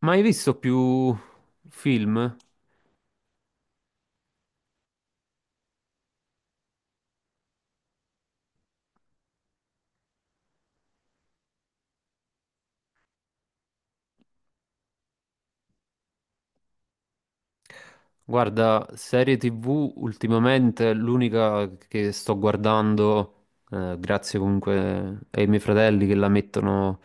Ma hai visto più film? Guarda, serie TV ultimamente l'unica che sto guardando, grazie comunque ai miei fratelli che la mettono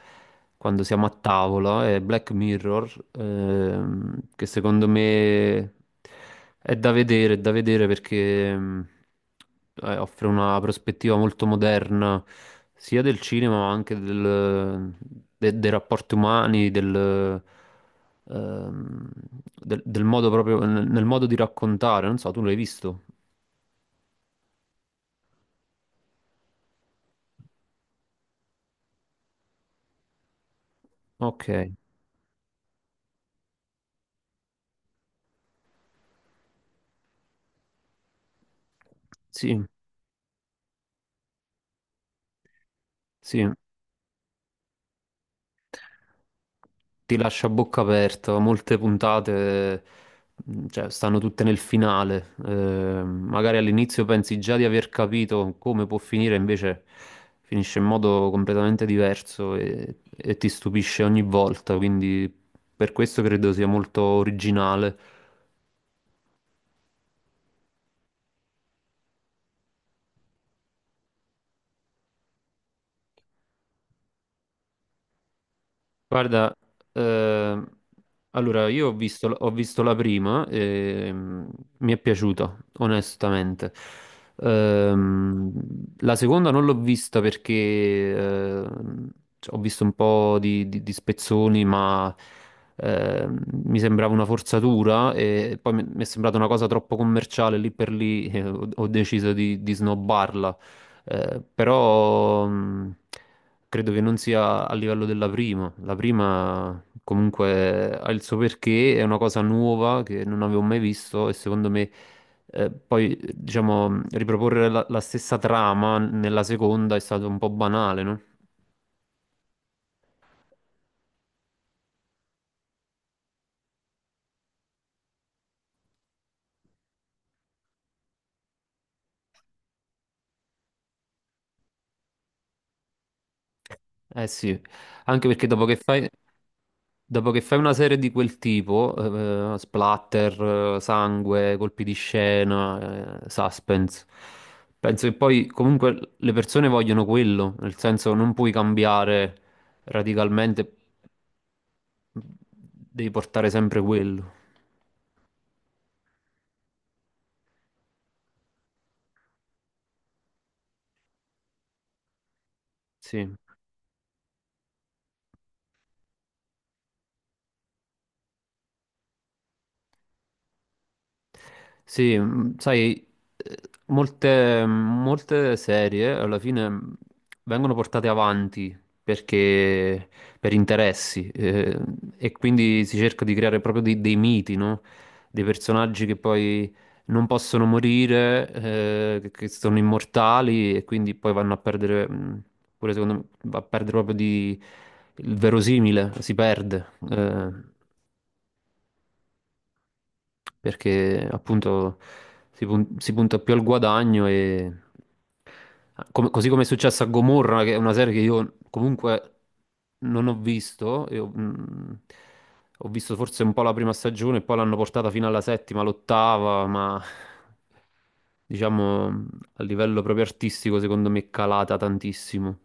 quando siamo a tavola, è Black Mirror, che secondo me è da vedere perché offre una prospettiva molto moderna sia del cinema ma anche dei rapporti umani, ehm, del modo proprio, nel modo di raccontare. Non so, tu l'hai visto? Ok, sì, sì. Ti lascia a bocca aperta. Molte puntate, cioè, stanno tutte nel finale. Magari all'inizio pensi già di aver capito come può finire, invece finisce in modo completamente diverso e ti stupisce ogni volta. Quindi per questo credo sia molto originale. Guarda, ehm, allora ho visto la prima mi è piaciuta, onestamente. Ehm, la seconda non l'ho vista perché cioè, ho visto un po' di spezzoni, ma mi sembrava una forzatura e poi mi è sembrata una cosa troppo commerciale, lì per lì ho deciso di snobbarla. Eh, però, credo che non sia a livello della prima. La prima comunque ha il suo perché, è una cosa nuova che non avevo mai visto e secondo me poi diciamo riproporre la stessa trama nella seconda è stato un po' banale, no? Eh sì, anche perché dopo che fai... Dopo che fai una serie di quel tipo, splatter, sangue, colpi di scena, suspense, penso che poi comunque le persone vogliono quello, nel senso non puoi cambiare radicalmente, devi portare sempre quello. Sì. Sì, sai, eh, molte serie alla fine vengono portate avanti perché per interessi e quindi si cerca di creare proprio dei miti, no? Dei personaggi che poi non possono morire, che sono immortali e quindi poi vanno a perdere, pure secondo me, va a perdere proprio di, il verosimile, si perde. Perché appunto si punta più al guadagno e così come è successo a Gomorra, che è una serie che io comunque non ho visto, ho visto forse un po' la prima stagione, e poi l'hanno portata fino alla settima, l'ottava, ma diciamo a livello proprio artistico secondo me è calata tantissimo.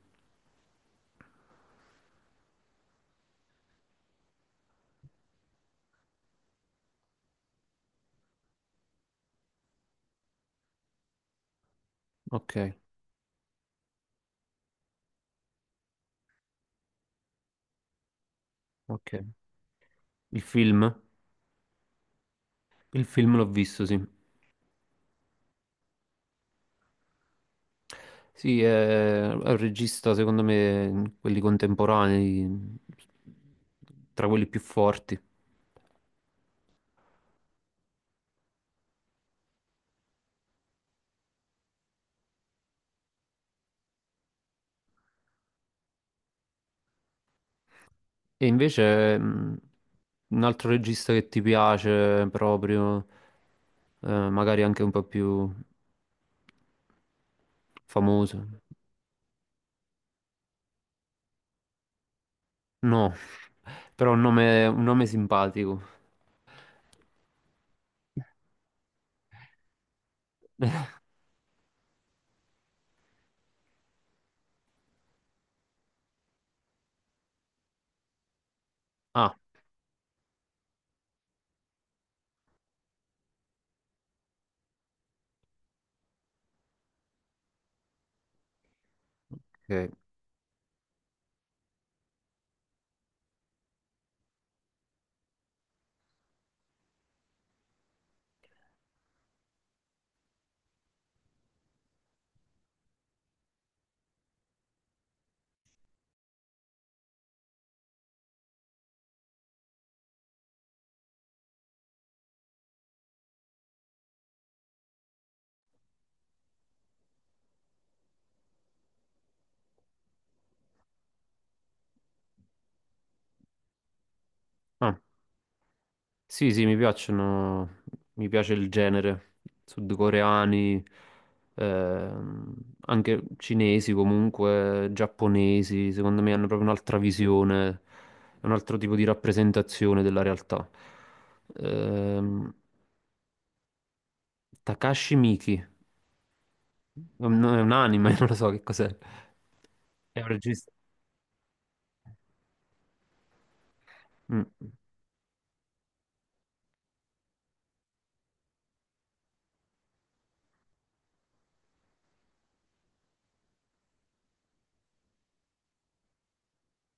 Ok, ok. Il film? Il film l'ho visto, sì. Sì, è un regista, secondo me, quelli contemporanei, tra quelli più forti. E invece, un altro regista che ti piace proprio, magari anche un po' più famoso. No, però un nome simpatico. Ah, ok. Ah. Sì, sì, mi piacciono, mi piace il genere, sudcoreani, ehm, anche cinesi comunque, giapponesi, secondo me hanno proprio un'altra visione, un altro tipo di rappresentazione della realtà. Ehm, Takashi Miike, è un anime, non lo so che cos'è. È un regista. Mm,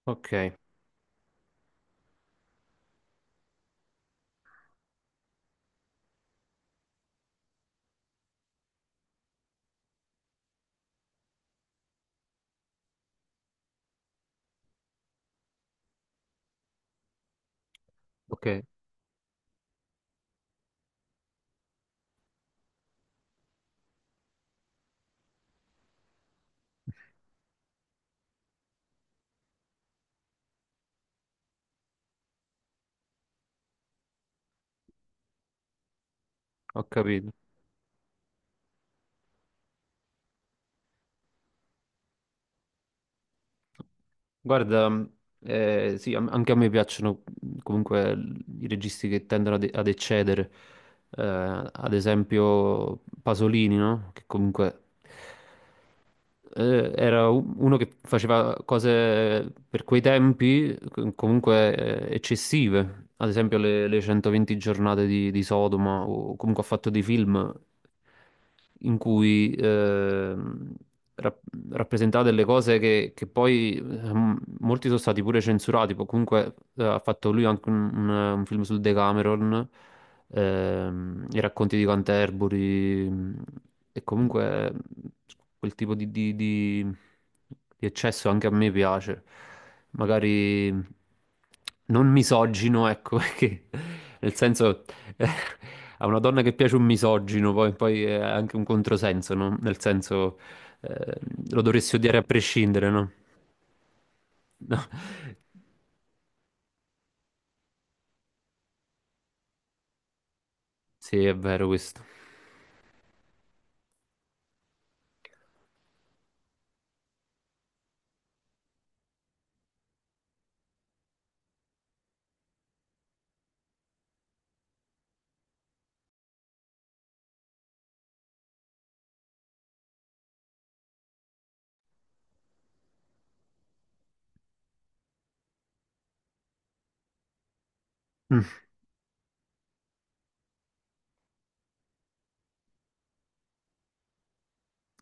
ok, ok, ho capito. Guarda, sì, anche a me piacciono comunque i registi che tendono ad eccedere. Ad esempio Pasolini, no? Che comunque era uno che faceva cose per quei tempi comunque eccessive, ad esempio le 120 giornate di Sodoma, o comunque ha fatto dei film in cui rap- rappresentava delle cose che poi molti sono stati pure censurati, poi comunque ha fatto lui anche un film sul Decameron, i racconti di Canterbury, e comunque, quel tipo di eccesso anche a me piace, magari non misogino, ecco, perché nel senso eh, a una donna che piace un misogino poi, poi è anche un controsenso, no? Nel senso eh, lo dovresti odiare a prescindere, no? No. Sì, è vero questo.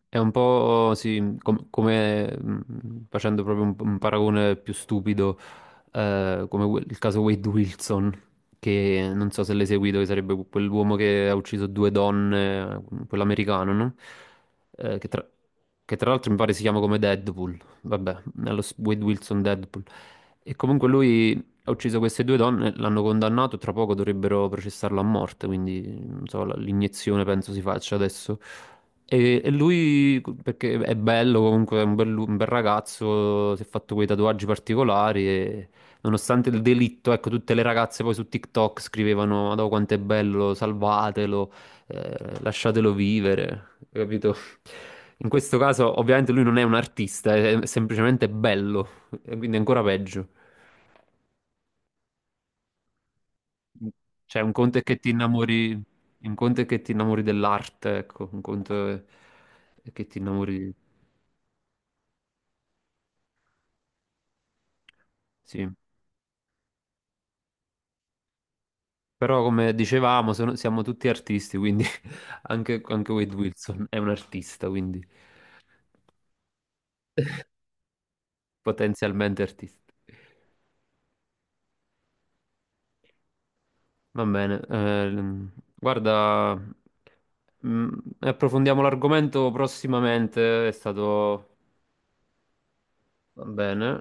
È un po' sì, come facendo proprio un paragone più stupido, come il caso Wade Wilson, che non so se l'hai seguito, che sarebbe quell'uomo che ha ucciso due donne, quell'americano, no? Eh, che tra, che tra l'altro mi pare si chiama come Deadpool, vabbè, Wade Wilson Deadpool. E comunque lui ha ucciso queste due donne, l'hanno condannato, tra poco dovrebbero processarlo a morte, quindi non so, l'iniezione penso si faccia adesso. E lui, perché è bello, comunque è un bel ragazzo, si è fatto quei tatuaggi particolari e nonostante il delitto, ecco, tutte le ragazze poi su TikTok scrivevano: "Madò quanto è bello, salvatelo, lasciatelo vivere", capito? In questo caso ovviamente lui non è un artista, è semplicemente bello, e quindi è ancora peggio. Cioè, un conto è che ti innamori, un conto è che ti innamori dell'arte, ecco, un conto è che ti innamori, sì. Però, come dicevamo, siamo tutti artisti, quindi anche, anche Wade Wilson è un artista, quindi potenzialmente artista. Va bene, guarda, mm, approfondiamo l'argomento prossimamente, è stato... Va bene.